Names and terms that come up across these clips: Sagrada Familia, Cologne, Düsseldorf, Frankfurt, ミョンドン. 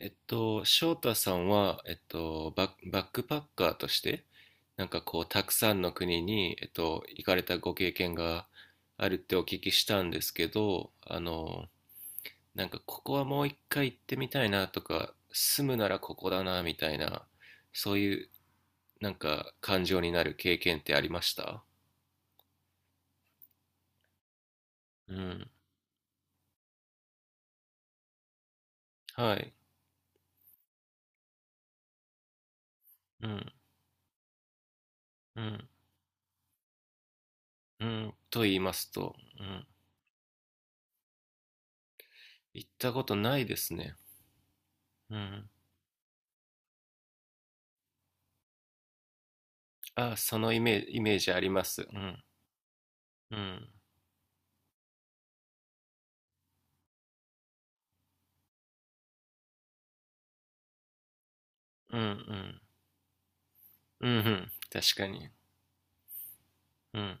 翔太さんは、バックパッカーとして、なんかこう、たくさんの国に、行かれたご経験があるってお聞きしたんですけど、なんかここはもう一回行ってみたいなとか、住むならここだなみたいな、そういうなんか感情になる経験ってありました？うん。はい。うん。うん。うん。と言いますと、うん。行ったことないですね。うん。あ、そのイメージ、イメージあります。うん。うん。うんうん。うんうん。確かに。うん。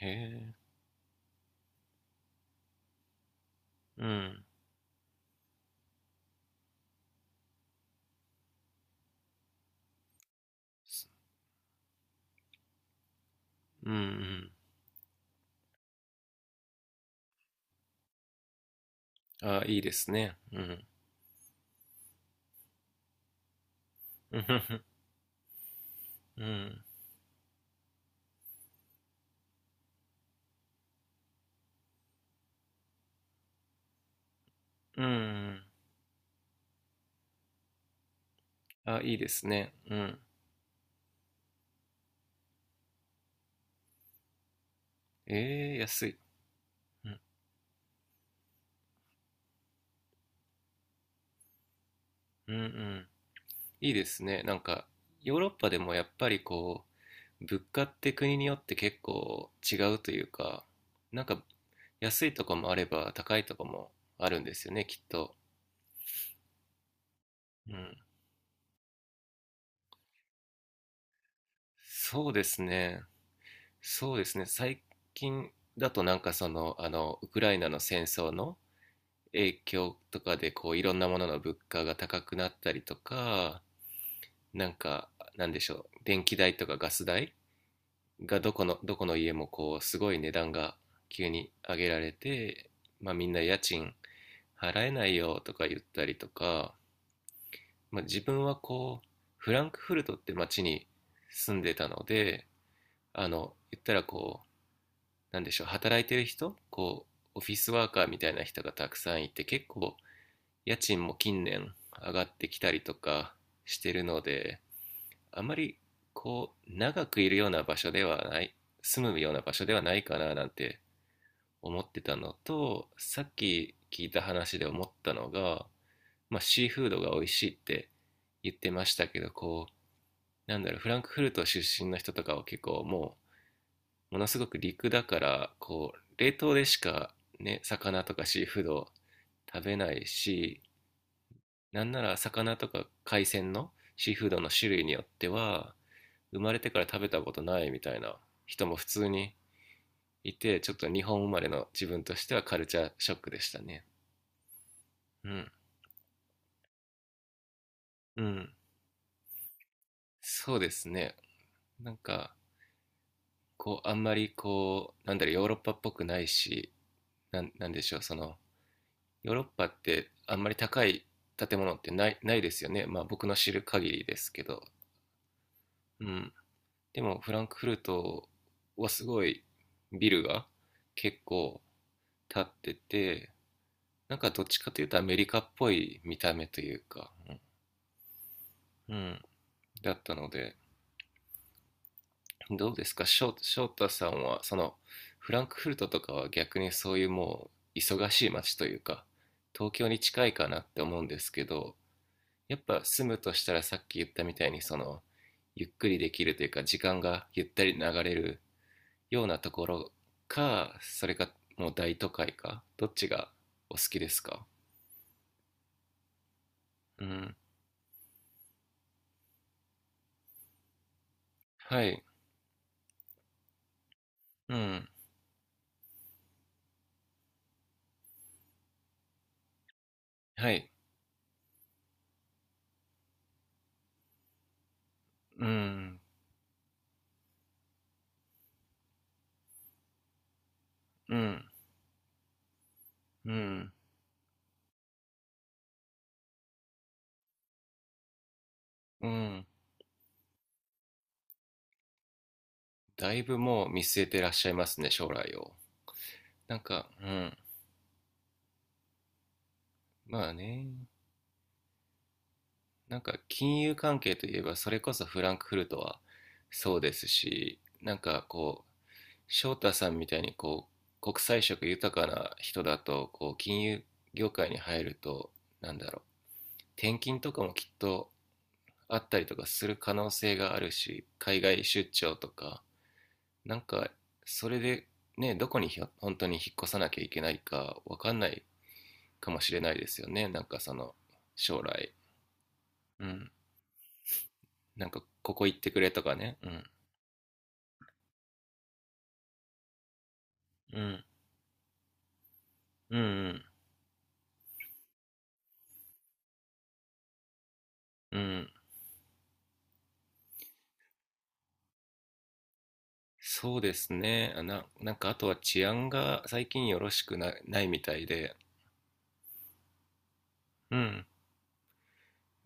へえ。うん。すうんうん。あ、いいですね。うん。うんふふうん。うんうん。あ、いいですね。うん。ええ、安い。うん。うんうん。いいですね。なんか、ヨーロッパでもやっぱりこう、物価って国によって結構違うというか、なんか安いとこもあれば高いとこもあるんですよね、きっと。うん。そうですね。そうですね。最近だとなんかその、ウクライナの戦争の影響とかで、こう、いろんなものの物価が高くなったりとか、なんか、なんでしょう、電気代とかガス代がどこの家もこう、すごい値段が急に上げられて、まあみんな家賃払えないよとか言ったりとか、まあ自分はこう、フランクフルトって街に住んでたので、言ったらこう、なんでしょう、働いてる人、こう、オフィスワーカーみたいな人がたくさんいて、結構、家賃も近年上がってきたりとかしてるので、あまり、こう、長くいるような場所ではない、住むような場所ではないかななんて思ってたのと、さっき聞いた話で思ったのが、まあ、シーフードが美味しいって言ってましたけど、こう、なんだろう、フランクフルト出身の人とかは結構もう、ものすごく陸だからこう冷凍でしかね、魚とかシーフードを食べないし、なんなら魚とか海鮮のシーフードの種類によっては生まれてから食べたことないみたいな人も普通にいて、ちょっと日本生まれの自分としてはカルチャーショックでしたね。うんうん。そうですね。なんかこうあんまりこう、なんだろう、ヨーロッパっぽくないし、なんなんでしょう、そのヨーロッパってあんまり高い建物ってないですよね。まあ僕の知る限りですけど。うん。でもフランクフルトはすごいビルが結構建ってて、なんかどっちかというとアメリカっぽい見た目というか、うん。うん。だったので、どうですか、翔太さんは、そのフランクフルトとかは逆にそういうもう忙しい街というか、東京に近いかなって思うんですけど、やっぱ住むとしたらさっき言ったみたいに、そのゆっくりできるというか時間がゆったり流れるようなところか、それかもう大都会か、どっちがお好きですか？うん。はい。うん。はい。うん。うん。うん。うん。だいぶもう見据えてらっしゃいますね、将来を。なんか。うん。まあね。なんか金融関係といえば、それこそフランクフルトはそうですし、なんかこう、翔太さんみたいにこう国際色豊かな人だと、こう金融業界に入ると、なんだろう、転勤とかもきっとあったりとかする可能性があるし、海外出張とか、なんかそれでね、どこに本当に引っ越さなきゃいけないかわかんないかもしれないですよね、なんかその将来。うん。なんかここ行ってくれとかね。うん。うん。うん。うん。うん。そうですね。なんかあとは治安が最近よろしくないみたいで、うん。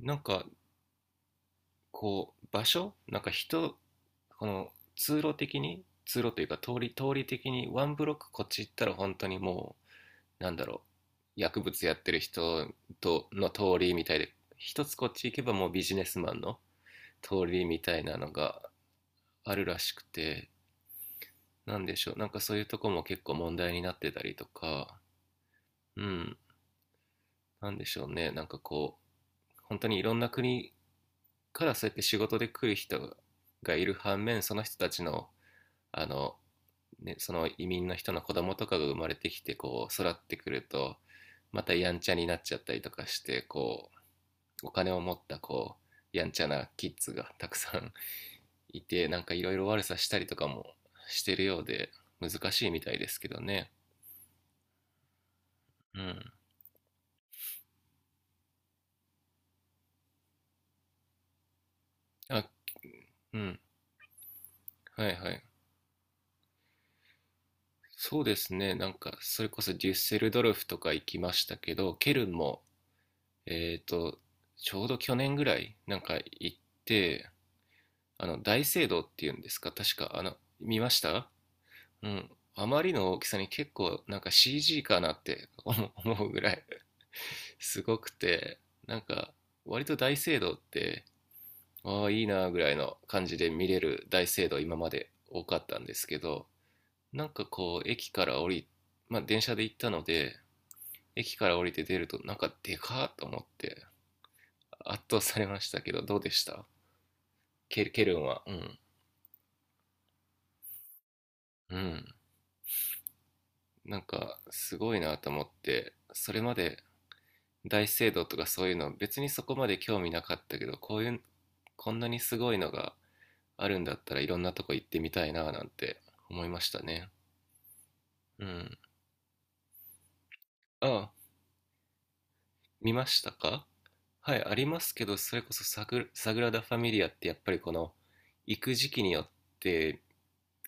なんかこう場所、なんか人、この通路的に、通路というか、通り的にワンブロックこっち行ったら本当にもう、なんだろう、薬物やってる人との通りみたいで、一つこっち行けばもうビジネスマンの通りみたいなのがあるらしくて、なんでしょう、なんかそういうとこも結構問題になってたりとか、うん、なんでしょうね、なんかこう、本当にいろんな国からそうやって仕事で来る人がいる反面、その人たちの、あの、ね、その移民の人の子供とかが生まれてきて、こう、育ってくると、またやんちゃになっちゃったりとかして、こう、お金を持った、こう、やんちゃなキッズがたくさん いて、なんかいろいろ悪さしたりとかもしてるようで、難しいみたいですけどね。うん。あ、うん。はいはいはい。そうですね。なんか、それこそデュッセルドルフとか行きましたけど、ケルンも、えっと、ちょうど去年ぐらい、なんか行って、あの、大聖堂っていうんですか、確か、あの、見ました。うん。あまりの大きさに結構、なんか CG かなって思う 思うぐらい すごくて、なんか、割と大聖堂って、ああ、いいなーぐらいの感じで見れる大聖堂今まで多かったんですけど、なんかこう駅から降りまあ電車で行ったので、駅から降りて出るとなんかでかーと思って圧倒されましたけど、どうでした？ケルンは。うん。うん。なんかすごいなと思って、それまで大聖堂とかそういうの別にそこまで興味なかったけど、こういう、こんなにすごいのがあるんだったらいろんなとこ行ってみたいななんて思いましたね。うん。ああ。見ましたか？はい、ありますけど、それこそサグラダ・ファミリアってやっぱりこの、行く時期によって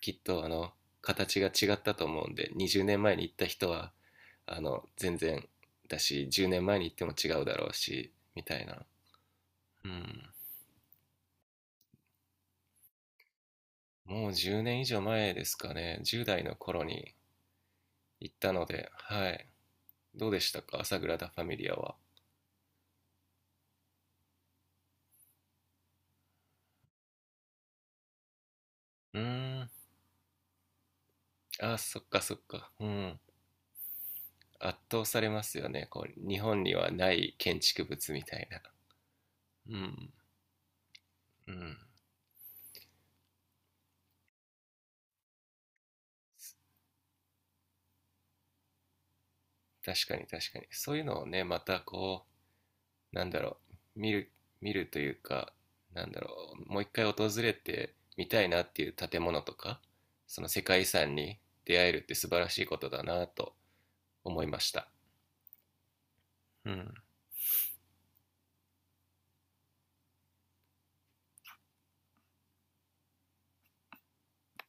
きっとあの、形が違ったと思うんで、20年前に行った人は、あの、全然だし、10年前に行っても違うだろうし、みたいな。うん。もう10年以上前ですかね、10代の頃に行ったので、はい。どうでしたか、サグラダ・ファミリアは。うーん。あ、そっかそっか。うん。圧倒されますよね、こう日本にはない建築物みたいな。うん。うん。確かに確かに、そういうのをね、またこう、なんだろう、見るというか、なんだろう、もう一回訪れてみたいなっていう建物とか、その世界遺産に出会えるって素晴らしいことだなと思いました。うん